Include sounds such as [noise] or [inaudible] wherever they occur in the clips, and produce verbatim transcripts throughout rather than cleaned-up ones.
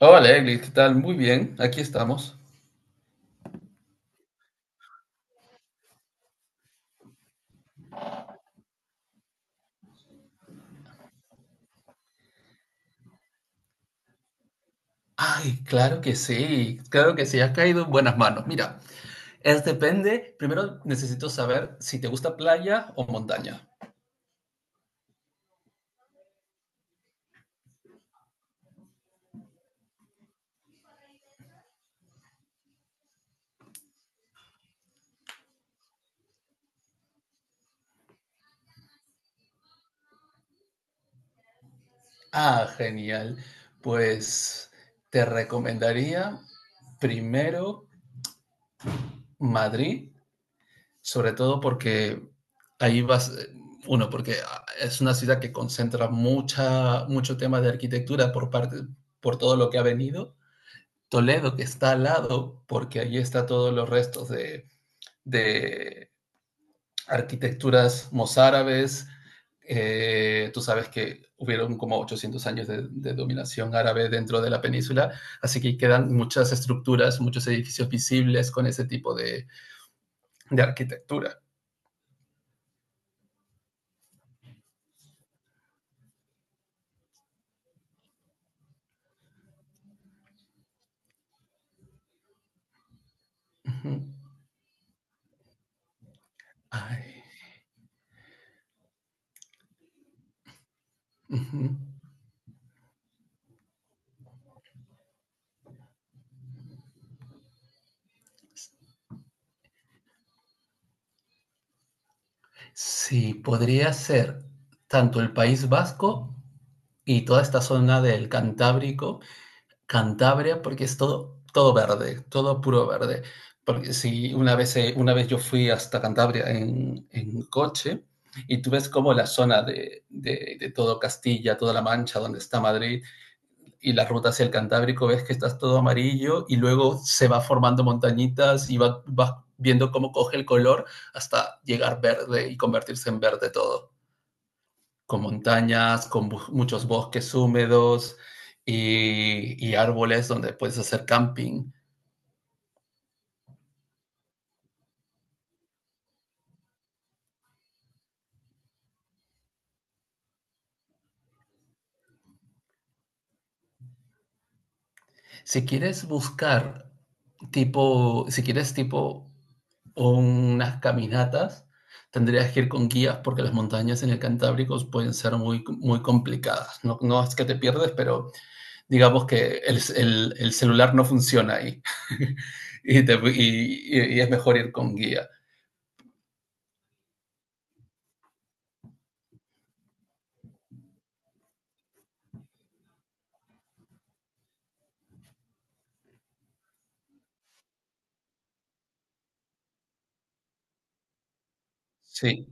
Hola, Eglis, ¿qué tal? Muy bien, aquí estamos. Ay, claro que sí, claro que sí, has caído en buenas manos. Mira, es depende, primero necesito saber si te gusta playa o montaña. Ah, genial. Pues te recomendaría primero Madrid, sobre todo porque ahí vas, eh, uno, porque ah, es una ciudad que concentra mucha, mucho tema de arquitectura por parte, por todo lo que ha venido. Toledo, que está al lado, porque allí está todos los restos de, de arquitecturas mozárabes. Eh, tú sabes que hubieron como ochocientos años de, de, dominación árabe dentro de la península, así que quedan muchas estructuras, muchos edificios visibles con ese tipo de, de arquitectura. Uh -huh. Ay. Uh -huh. Sí, podría ser tanto el País Vasco y toda esta zona del Cantábrico, Cantabria porque es todo, todo verde, todo puro verde. Porque si una vez, eh, una vez yo fui hasta Cantabria en, en coche y tú ves como la zona de, de, de todo Castilla, toda la Mancha, donde está Madrid y la ruta hacia el Cantábrico, ves que estás todo amarillo y luego se va formando montañitas y va- vas viendo cómo coge el color hasta llegar verde y convertirse en verde todo con montañas, con muchos bosques húmedos y, y árboles donde puedes hacer camping. Si quieres buscar tipo, si quieres tipo unas caminatas, tendrías que ir con guías porque las montañas en el Cantábrico pueden ser muy, muy complicadas. No, no es que te pierdes, pero digamos que el, el- el celular no funciona ahí [laughs] y, te- y- y- es mejor ir con guía. Sí.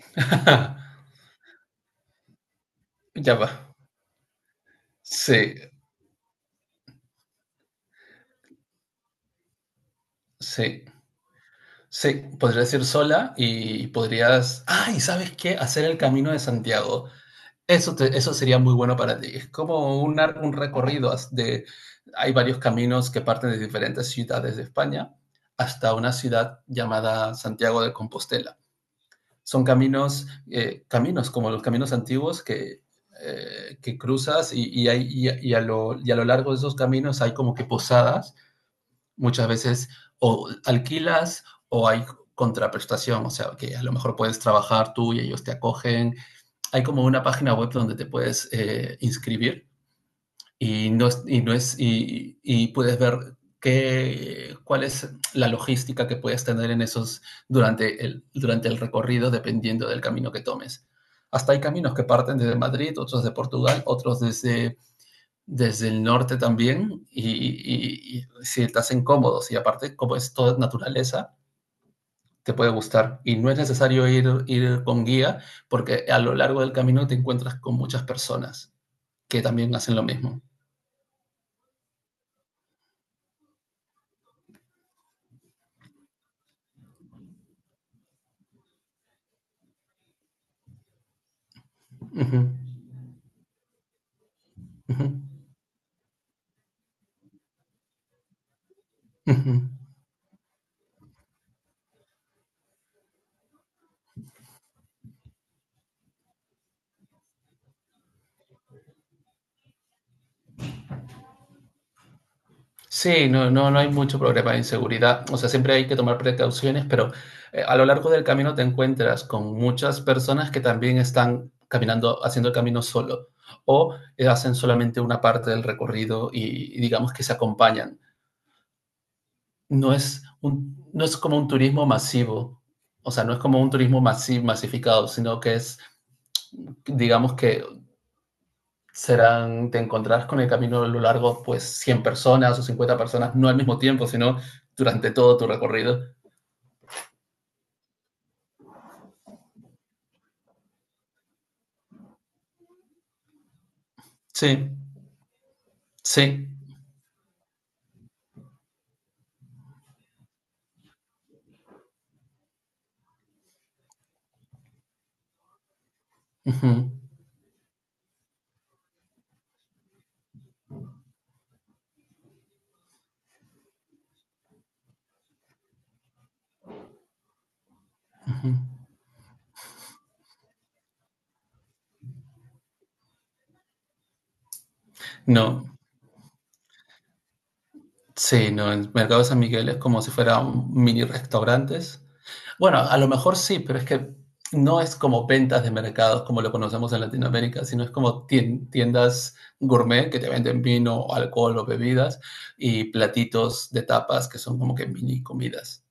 [laughs] Ya va. Sí, sí, sí, podrías ir sola y podrías, ay, ¿sabes qué? Hacer el Camino de Santiago. Eso, te- eso sería muy bueno para ti. Es como un, ar- un recorrido as- de, hay varios caminos que parten de diferentes ciudades de España hasta una ciudad llamada Santiago de Compostela. Son caminos, eh, caminos como los caminos antiguos que, eh, que cruzas y, y hay- y a- y a lo, y a lo largo de esos caminos hay como que posadas muchas veces o alquilas o hay contraprestación, o sea, que a lo mejor puedes trabajar tú y ellos te acogen. Hay como una página web donde te puedes eh, inscribir y, no es, y, no es, y, y puedes ver qué, cuál es la logística que puedes tener en esos durante el, durante el recorrido dependiendo del camino que tomes. Hasta hay caminos que parten desde Madrid, otros de Portugal, otros desde desde el norte también y, y, y si te hacen cómodos y aparte como es toda naturaleza, te puede gustar y no es necesario ir, ir con guía porque a lo largo del camino te encuentras con muchas personas que también hacen lo mismo. Uh -huh, uh -huh, uh -huh. Sí, no, no, no hay mucho problema de inseguridad. O sea, siempre hay que tomar precauciones, pero eh, a lo largo del camino te encuentras con muchas personas que también están caminando, haciendo el camino solo o eh, hacen solamente una parte del recorrido y, y digamos que se acompañan. No es un- no es como un turismo masivo, o sea, no es como un turismo masi- masificado, sino que es, digamos que serán, te encontrarás con el camino a lo largo, pues cien personas o cincuenta personas, no al mismo tiempo, sino durante todo tu recorrido. Sí, sí. Ujú, ujú. No, sí, no, el mercado de San Miguel es como si fuera un mini restaurantes. Bueno, a lo mejor sí, pero es que no es como ventas de mercados como lo conocemos en Latinoamérica, sino es como tien- tiendas gourmet que te venden vino, alcohol o bebidas y platitos de tapas que son como que mini comidas.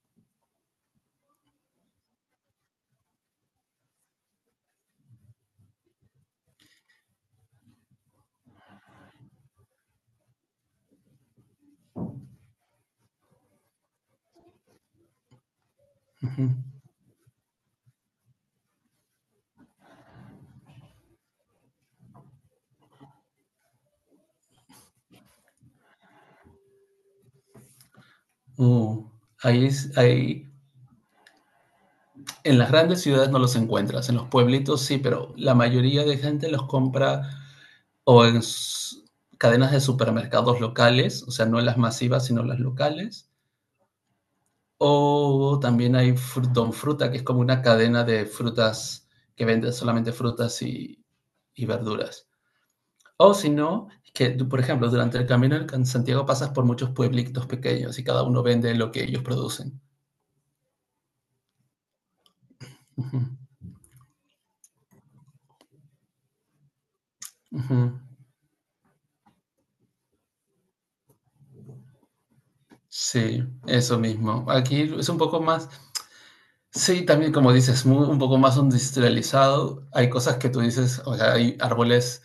Uh, ahí, es- ahí- en las grandes ciudades no los encuentras, en los pueblitos sí, pero la mayoría de gente los compra o en s- cadenas de supermercados locales, o sea, no las masivas, sino las locales. O también hay fru- Don Fruta, que es como una cadena de frutas que vende solamente frutas y, y verduras. O si no, que tú, por ejemplo, durante el camino en Can- Santiago pasas por muchos pueblitos pequeños y cada uno vende lo que ellos producen. Ujú, ujú. Sí, eso mismo. Aquí es un poco más, sí, también como dices, muy- un poco más industrializado. Hay cosas que tú dices, o sea, hay árboles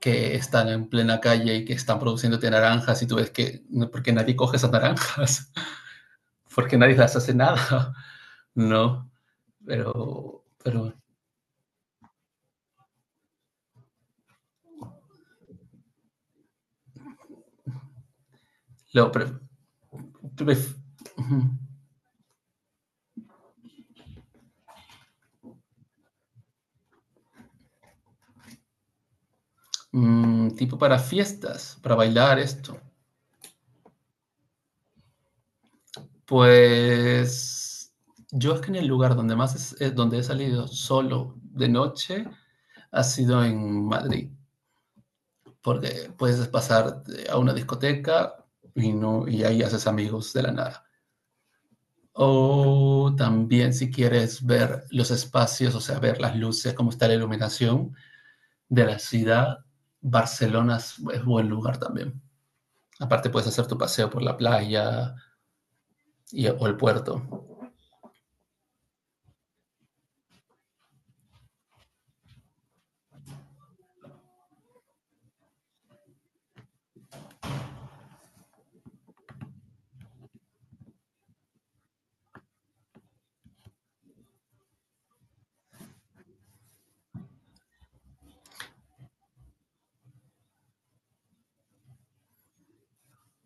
que están en plena calle y que están produciéndote naranjas y tú ves que, no, porque nadie coge esas naranjas, [laughs] porque nadie las hace nada, [laughs] ¿no? Pero, pero, lo, pre- tú. Ujú. Mm, tipo para fiestas, para bailar esto. Pues yo es que en el lugar donde más es, eh, donde he salido solo de noche ha sido en Madrid, porque puedes pasar de- a una discoteca y, no, y ahí haces amigos de la nada. O también si quieres ver los espacios, o sea, ver las luces, cómo está la iluminación de la ciudad, Barcelona es, es buen lugar también. Aparte puedes hacer tu paseo por la playa y, o el puerto.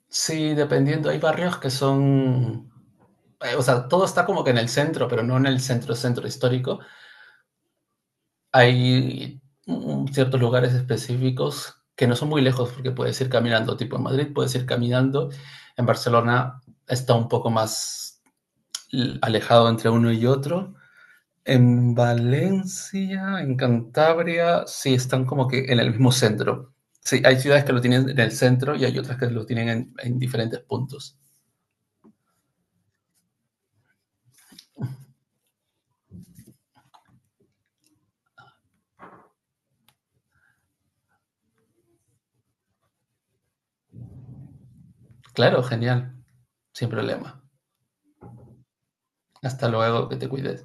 Sí, dependiendo, hay barrios que son eh, o sea, todo está como que en el centro, pero no en el centro, centro histórico. Hay ciertos lugares específicos que no son muy lejos porque puedes ir caminando, tipo en Madrid puedes ir caminando, en Barcelona está un poco más alejado entre uno y otro. En Valencia, en Cantabria, sí están como que en el mismo centro. Sí, hay ciudades que lo tienen en el centro y hay otras que lo tienen en, en diferentes puntos. Claro, genial, sin problema. Hasta luego, que te cuides.